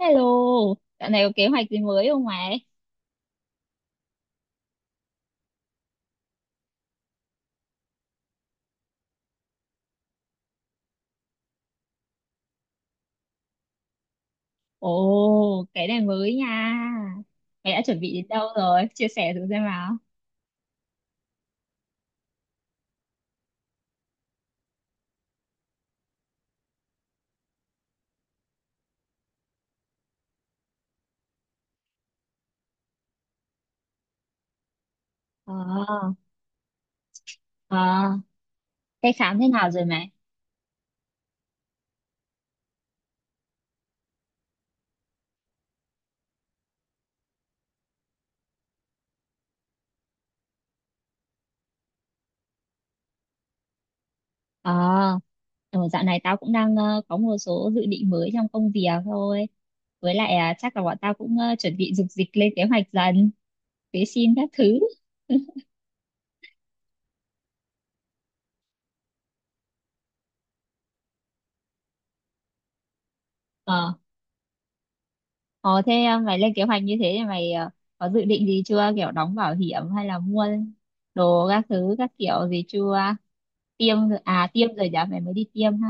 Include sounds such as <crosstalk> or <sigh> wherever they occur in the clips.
Hello, dạo này có kế hoạch gì mới không mày? Ồ, cái này mới nha. Mày đã chuẩn bị đến đâu rồi? Chia sẻ thử xem nào. Ờ, ờ, cái khám thế nào rồi mày? Ờ, dạo này tao cũng đang có một số dự định mới trong công việc thôi. Với lại chắc là bọn tao cũng chuẩn bị dục dịch lên kế hoạch dần, vệ sinh các thứ. <laughs> Ờ. Ờ thế à, mày lên kế hoạch như thế thì mày có dự định gì chưa? Kiểu đóng bảo hiểm hay là mua đồ các thứ các kiểu gì chưa? Tiêm rồi- tiêm rồi nhá, mày mới đi tiêm ha.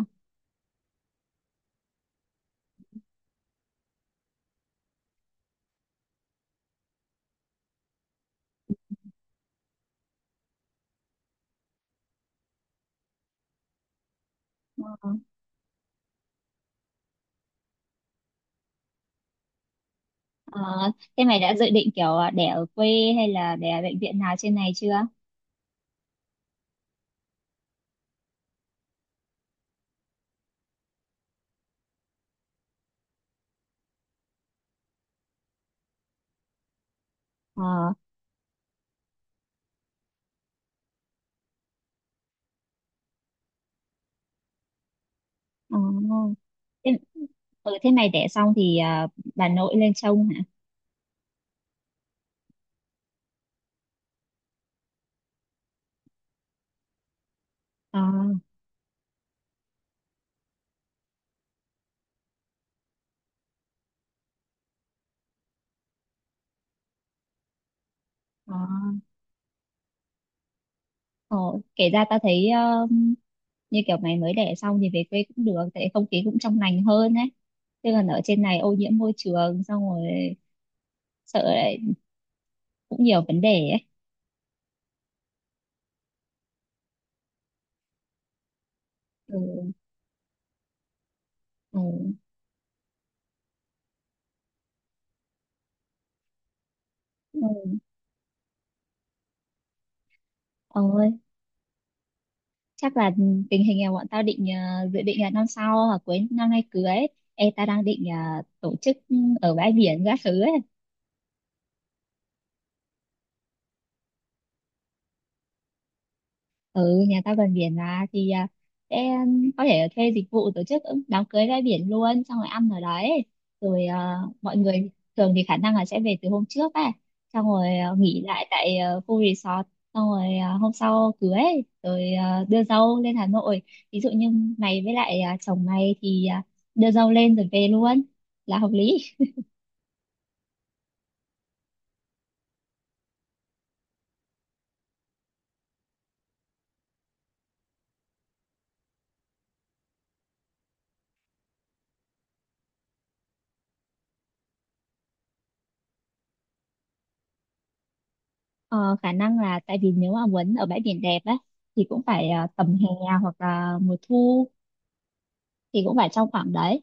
Ờ, thế mày đã dự định kiểu đẻ ở quê hay là đẻ ở bệnh viện nào trên này chưa? Ờ, ờ. Thế, ừ, thế mày đẻ xong thì bà nội lên trông hả? Ờ, ờ. Ờ, kể ra tao thấy như kiểu mày mới đẻ xong thì về quê cũng được tại không khí cũng trong lành hơn ấy, chứ còn ở trên này ô nhiễm môi trường xong rồi sợ lại cũng nhiều vấn đề ấy. Ừ, ừ, ừ. Ôi, chắc là tình hình là bọn tao định dự định là năm sau hoặc cuối năm nay cưới. Ê, ta đang định tổ chức ở bãi biển các thứ ấy. Ừ, nhà tao gần biển mà, thì sẽ có thể thuê dịch vụ tổ chức đám cưới ra biển luôn, xong rồi ăn ở đấy, rồi mọi người thường thì khả năng là sẽ về từ hôm trước ấy, xong rồi nghỉ lại tại khu resort, xong rồi hôm sau cưới, rồi đưa dâu lên Hà Nội. Ví dụ như mày với lại chồng mày thì đưa dâu lên rồi về luôn là hợp lý. Ờ, khả năng là tại vì nếu mà muốn ở bãi biển đẹp á thì cũng phải tầm hè hoặc là mùa thu, thì cũng phải trong khoảng đấy.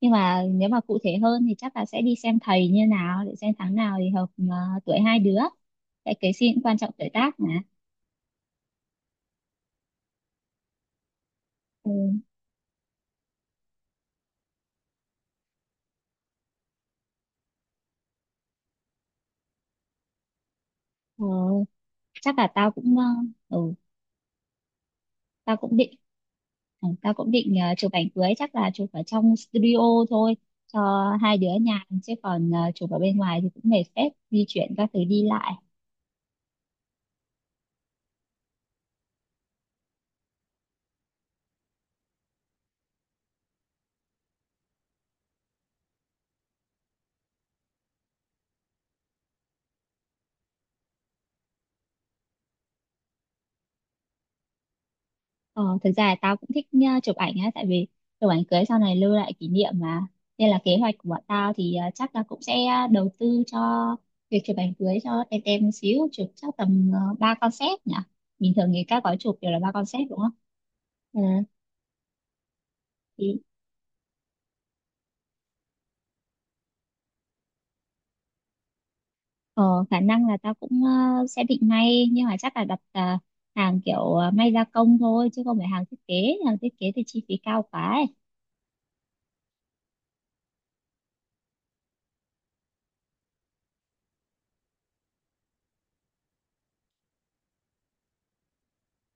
Nhưng mà nếu mà cụ thể hơn thì chắc là sẽ đi xem thầy như nào để xem tháng nào thì hợp, tuổi hai đứa, cái gì cũng quan trọng tuổi tác mà. Ừ. ờ, Chắc là tao cũng, ừ, tao cũng định, tao cũng định chụp ảnh cưới chắc là chụp ở trong studio thôi cho hai đứa nhàn, chứ còn chụp ở bên ngoài thì cũng mệt phết, di chuyển các thứ đi lại. Ờ, thực ra là tao cũng thích nha, chụp ảnh á, tại vì chụp ảnh cưới sau này lưu lại kỷ niệm mà. Nên là kế hoạch của bọn tao thì chắc là cũng sẽ đầu tư cho việc chụp ảnh cưới cho tem tem một xíu, chụp chắc tầm 3 concept nhỉ. Bình thường thì các gói chụp đều là 3 concept đúng không? Ừ, thì ờ, khả năng là tao cũng sẽ định may, nhưng mà chắc là đặt hàng kiểu may gia công thôi chứ không phải hàng thiết kế thì chi phí cao quá ấy.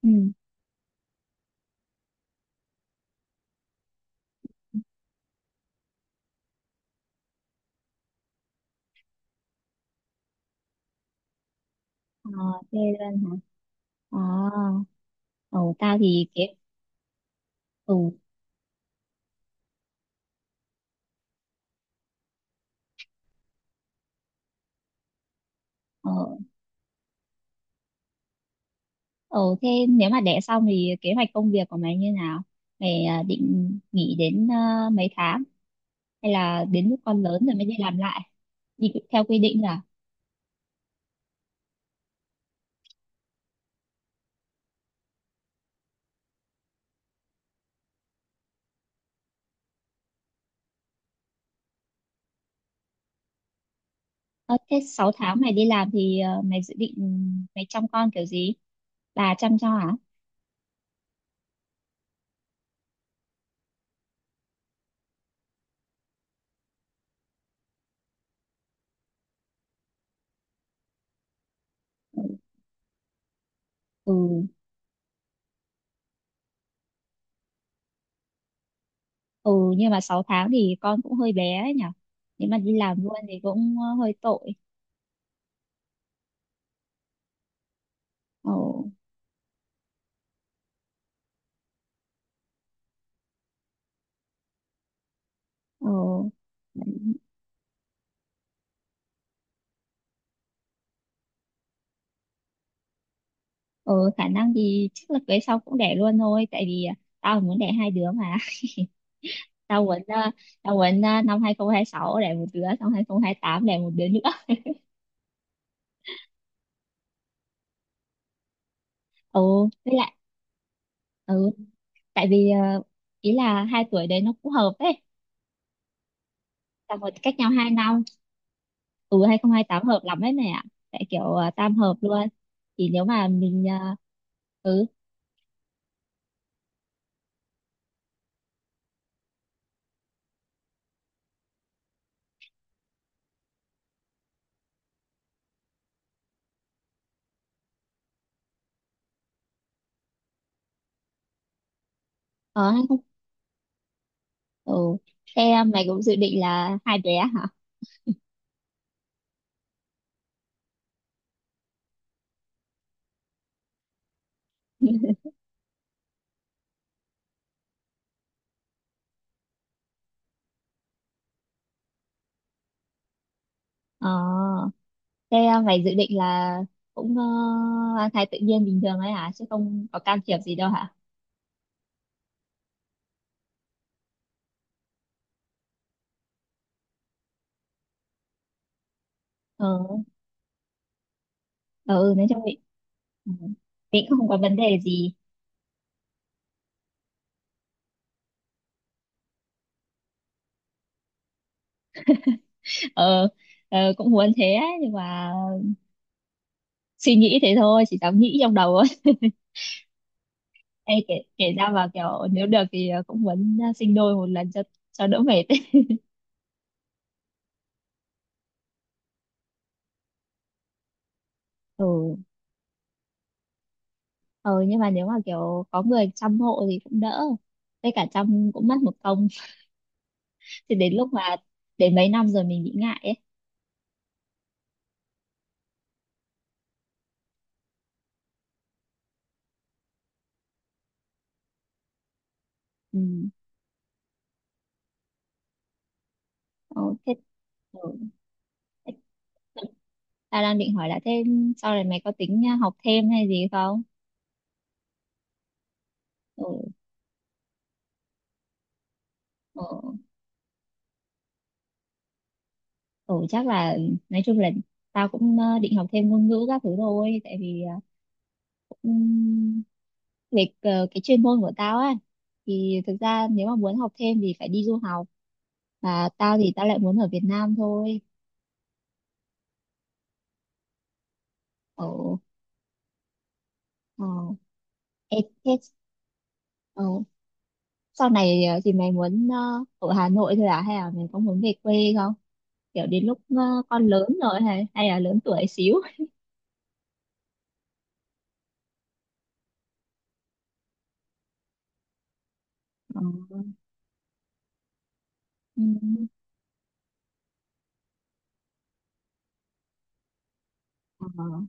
Ừ. Ờ, thế luôn hả? Ờ, ồ, tao thì kế ừ. Ờ, ờ thế nếu mà đẻ xong thì kế hoạch công việc của mày như nào? Mày định nghỉ đến mấy tháng hay là đến lúc con lớn rồi mới đi làm lại? Đi theo quy định là ờ, thế 6 tháng mày đi làm thì mày dự định mày chăm con kiểu gì? Bà chăm cho hả? Ừ, ừ, ừ, nhưng mà 6 tháng thì con cũng hơi bé ấy nhỉ? Nếu mà đi làm luôn thì cũng hơi tội. Ờ, ờ. Ừ, Khả năng thì chắc là cưới sau cũng đẻ luôn thôi, tại vì tao muốn đẻ hai đứa mà. <laughs> Tao muốn năm 2026 đẻ một đứa, xong 2028 đẻ một đứa nữa. Ừ, với lại ừ, tại vì ý là hai tuổi đấy nó cũng hợp ấy, tao một cách nhau 2 năm. Ừ, 2028 hợp lắm ấy mẹ ạ, tại kiểu tam hợp luôn. Thì nếu mà mình ừ ờ hay không ừ. Thế à, mày cũng dự định là hai bé hả. Ờ. Thế à, mày dự định là cũng mang thai tự nhiên bình thường ấy hả? Chứ không có can thiệp gì đâu hả? Ờ, ờ, ừ, nói chung định ừ, định cũng không có vấn đề gì. <laughs> Ờ, ờ, cũng muốn thế ấy, nhưng mà suy nghĩ thế thôi, chỉ dám nghĩ trong đầu thôi. Ê, kể ra mà kiểu nếu được thì cũng muốn sinh đôi một lần cho đỡ mệt ấy. Ừ, ờ, nhưng mà nếu mà kiểu có người chăm hộ thì cũng đỡ. Với cả chăm cũng mất một công. Thì đến lúc mà đến mấy năm rồi mình bị ngại ấy. Ừ. Ờ, thế. Ừ. Ta đang định hỏi là thêm sau này mày có tính học thêm hay gì không? Ừ, ừ, ừ chắc là nói chung là tao cũng định học thêm ngôn ngữ các thứ thôi, tại vì cũng về cái chuyên môn của tao ấy, thì thực ra nếu mà muốn học thêm thì phải đi du học, và tao lại muốn ở Việt Nam thôi. Ở, ờ, ê, thế, ờ, sau này thì mày muốn ở Hà Nội thôi à, hay là mày có muốn về quê không, kiểu đến lúc con lớn rồi hay hay là lớn tuổi xíu. Ờ, ừ, ờ,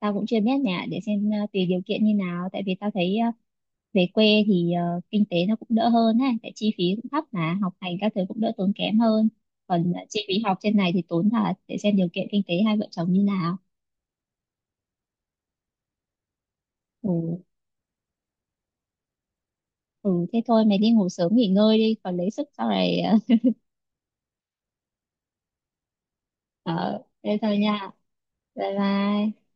tao cũng chưa biết nhà, để xem tùy điều kiện như nào, tại vì tao thấy về quê thì kinh tế nó cũng đỡ hơn ha, tại chi phí cũng thấp mà học hành các thứ cũng đỡ tốn kém hơn, còn chi phí học trên này thì tốn thật, để xem điều kiện kinh tế hai vợ chồng như nào. Ừ, ừ thế thôi mày đi ngủ sớm nghỉ ngơi đi còn lấy sức sau này, ờ, thế thôi nha, bye bye